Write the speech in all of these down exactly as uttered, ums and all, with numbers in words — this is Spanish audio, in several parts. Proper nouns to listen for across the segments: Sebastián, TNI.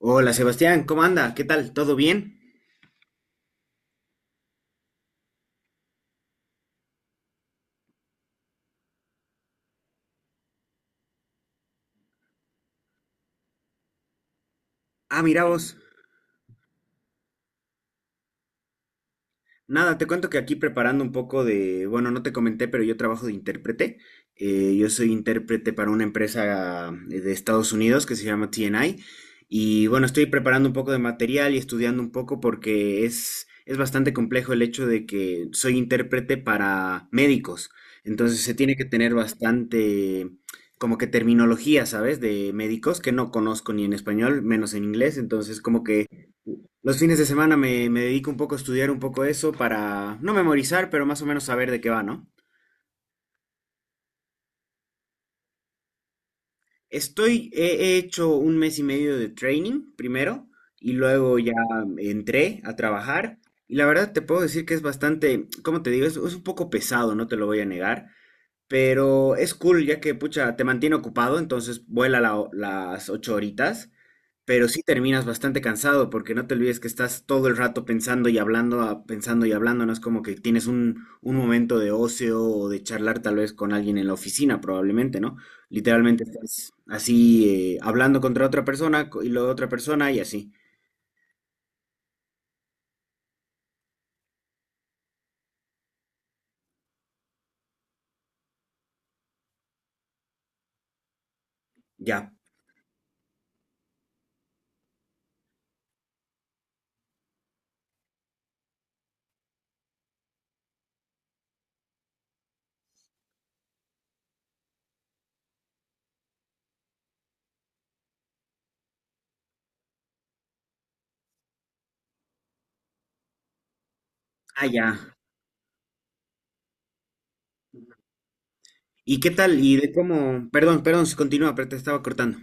Hola Sebastián, ¿cómo anda? ¿Qué tal? ¿Todo bien? Ah, mira vos. Nada, te cuento que aquí preparando un poco de, bueno, no te comenté, pero yo trabajo de intérprete. Eh, yo soy intérprete para una empresa eh, de Estados Unidos que se llama T N I. Y bueno, estoy preparando un poco de material y estudiando un poco porque es, es bastante complejo el hecho de que soy intérprete para médicos. Entonces se tiene que tener bastante, como que terminología, ¿sabes? De médicos que no conozco ni en español, menos en inglés. Entonces como que los fines de semana me, me dedico un poco a estudiar un poco eso para no memorizar, pero más o menos saber de qué va, ¿no? Estoy, he he hecho un mes y medio de training primero y luego ya entré a trabajar y la verdad te puedo decir que es bastante, ¿cómo te digo? Es, es un poco pesado, no te lo voy a negar, pero es cool ya que, pucha, te mantiene ocupado, entonces vuela la ho- las ocho horitas. Pero sí terminas bastante cansado porque no te olvides que estás todo el rato pensando y hablando, ah, pensando y hablando, no es como que tienes un, un momento de ocio o de charlar tal vez con alguien en la oficina, probablemente, ¿no? Literalmente estás así eh, hablando contra otra persona co- y la otra persona y así. Ya. Ah, ya. ¿Y qué tal? ¿Y de cómo? Perdón, perdón, continúa, pero te estaba cortando.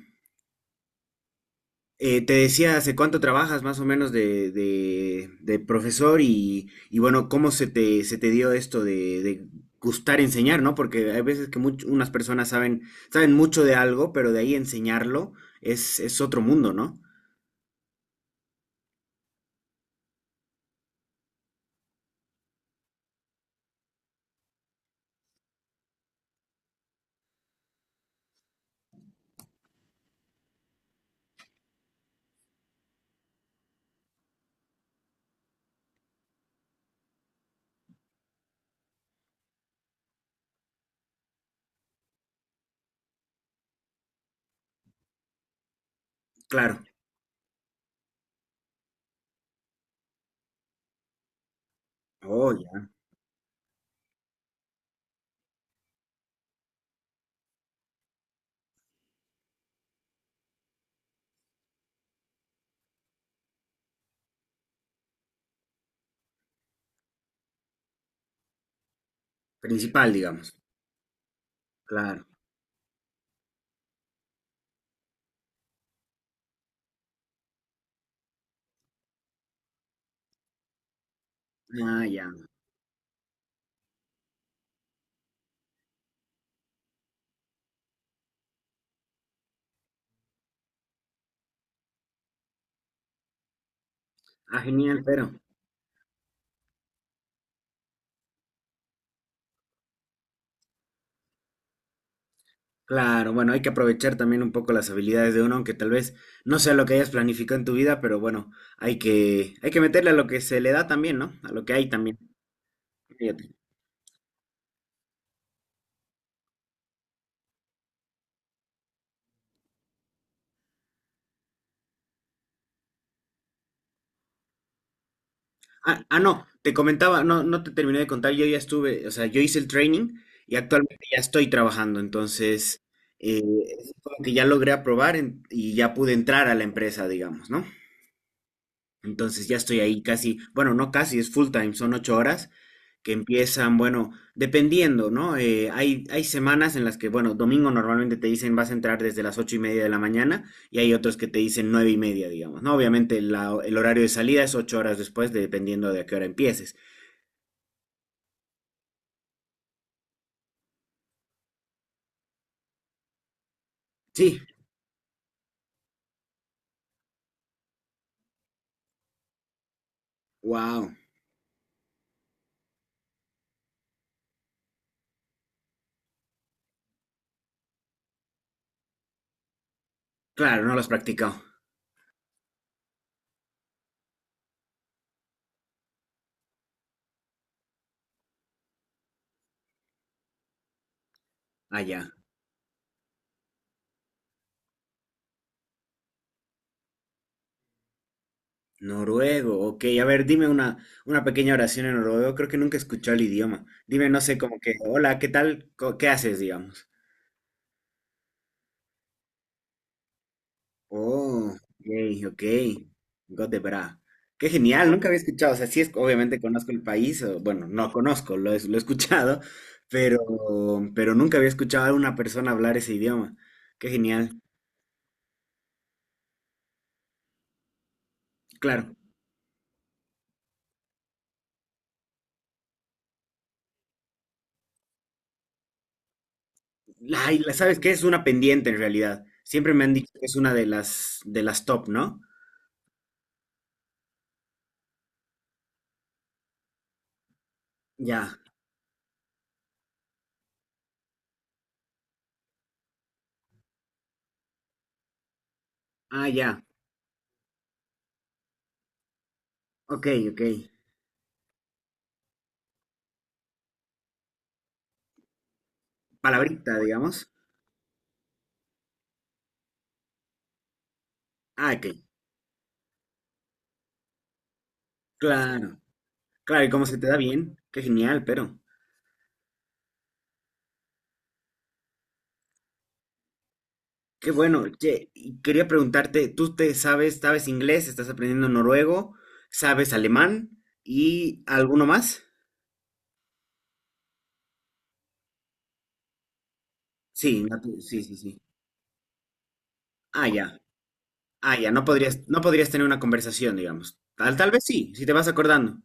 Eh, te decía hace cuánto trabajas más o menos de, de- de profesor y, y bueno, cómo se te, se te dio esto de, de gustar enseñar, ¿no? Porque hay veces que much- unas personas saben, saben mucho de algo, pero de ahí enseñarlo es, es otro mundo, ¿no? Claro. Oh, ya. Principal, digamos. Claro. Ah, ya. Ah, genial, pero. Claro, bueno, hay que aprovechar también un poco las habilidades de uno, aunque tal vez no sea lo que hayas planificado en tu vida, pero bueno, hay que, hay que meterle a lo que se le da también, ¿no? A lo que hay también. Fíjate. Ah, ah, no, te comentaba, no, no te terminé de contar, yo ya estuve, o sea, yo hice el training y actualmente ya estoy trabajando, entonces, eh, es como que ya logré aprobar en- y ya pude entrar a la empresa, digamos, ¿no? Entonces ya estoy ahí casi, bueno, no casi, es full time, son ocho horas que empiezan, bueno, dependiendo, ¿no? Eh, hay, hay semanas en las que, bueno, domingo normalmente te dicen vas a entrar desde las ocho y media de la mañana y hay otros que te dicen nueve y media, digamos, ¿no? Obviamente la- el horario de salida es ocho horas después, dependiendo de a qué hora empieces. Sí, wow, claro, no lo has practicado. Allá, noruego, ok, a ver, dime una, una pequeña oración en noruego, creo que nunca he escuchado el idioma. Dime, no sé, como que, hola, ¿qué tal? Co- ¿Qué haces, digamos? Oh, ok, ok. Got the Bra. Qué genial, nunca había escuchado. O sea, sí, es, obviamente conozco el país, o, bueno, no conozco, lo, he- lo he escuchado, pero, pero nunca había escuchado a una persona hablar ese idioma. Qué genial. Claro. Ay, la- ¿sabes qué? Es una pendiente en realidad. Siempre me han dicho que es una de las, de las top, ¿no? Ya. Ah, ya. Ok, ok. Palabrita, digamos. Ah, ok. Claro. Claro, y cómo se te da bien. Qué genial, pero. Qué bueno. Che, y quería preguntarte, ¿tú te sabes, sabes inglés, estás aprendiendo noruego, sabes alemán y alguno más? Sí, natu- sí, sí, sí. Ah, ya. Ah, ya, no podrías, no podrías tener una conversación, digamos. Tal, tal vez sí, si te vas acordando.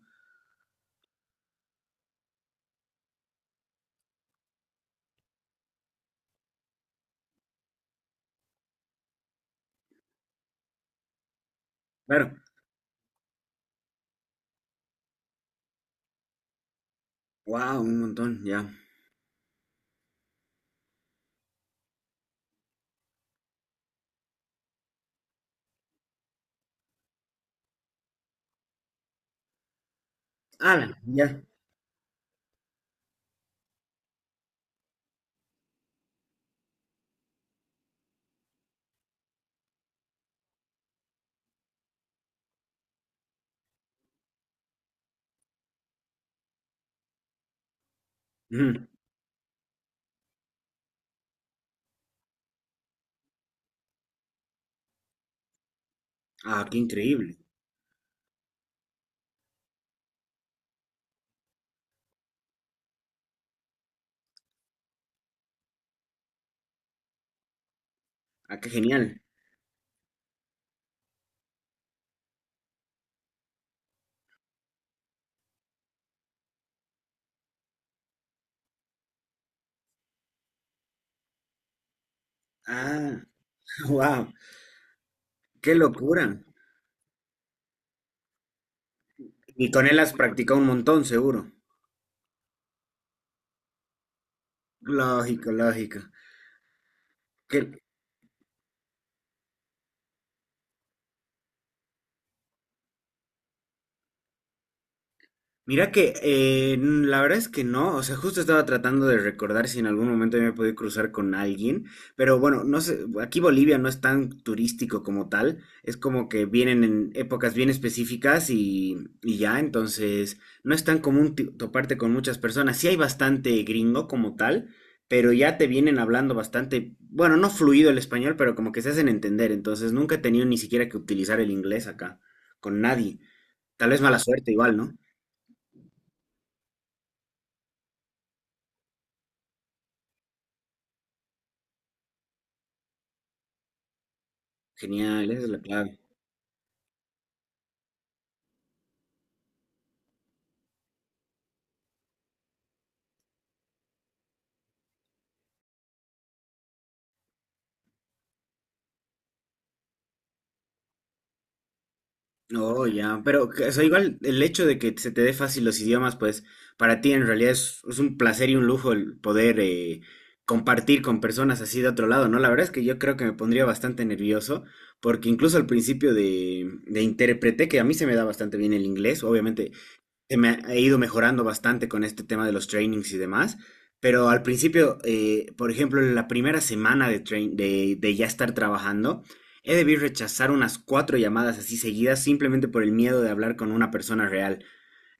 Claro. Wow, un montón, ya. Ah, ya. Ujú. Ah, qué increíble. Ah, qué genial. Ah, wow, qué locura. Y con él has practicado un montón, seguro. Lógico, lógico. Qué, Mira que eh, n- la verdad es que no, o sea, justo estaba tratando de recordar si en algún momento me he podido cruzar con alguien, pero bueno, no sé, aquí Bolivia no es tan turístico como tal, es como que vienen en épocas bien específicas y, y ya, entonces no es tan común ti- toparte con muchas personas, sí hay bastante gringo como tal, pero ya te vienen hablando bastante, bueno, no fluido el español, pero como que se hacen entender, entonces nunca he tenido ni siquiera que utilizar el inglés acá, con nadie, tal vez mala suerte igual, ¿no? Genial, esa es la clave. Oh, ya, pero que- o sea, igual el hecho de que se te dé fácil los idiomas, pues para ti en realidad es, es un placer y un lujo el poder eh, compartir con personas así de otro lado, ¿no? La verdad es que yo creo que me pondría bastante nervioso, porque incluso al principio de, de intérprete, que a mí se me da bastante bien el inglés, obviamente he, me- he ido mejorando bastante con este tema de los trainings y demás, pero al principio, eh, por ejemplo, en la primera semana de, train- de, de ya estar trabajando, he debido rechazar unas cuatro llamadas así seguidas simplemente por el miedo de hablar con una persona real.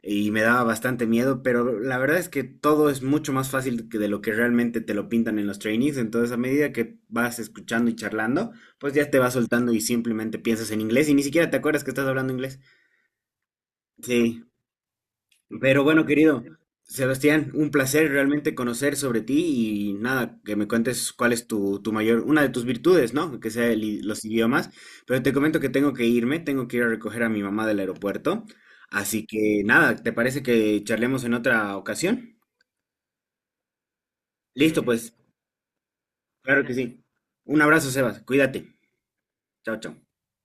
Y me daba bastante miedo, pero la verdad es que todo es mucho más fácil que de lo que realmente te lo pintan en los trainings. Entonces, a medida que vas escuchando y charlando, pues ya te vas soltando y simplemente piensas en inglés y ni siquiera te acuerdas que estás hablando inglés. Sí. Pero bueno, querido Sebastián, un placer realmente conocer sobre ti y nada, que me cuentes cuál es tu, tu mayor, una de tus virtudes, ¿no? Que sea el i- los idiomas. Pero te comento que tengo que irme, tengo que ir a recoger a mi mamá del aeropuerto. Así que nada, ¿te parece que charlemos en otra ocasión? Listo, pues, claro que sí. Un abrazo, Sebas, cuídate. Chao, chao.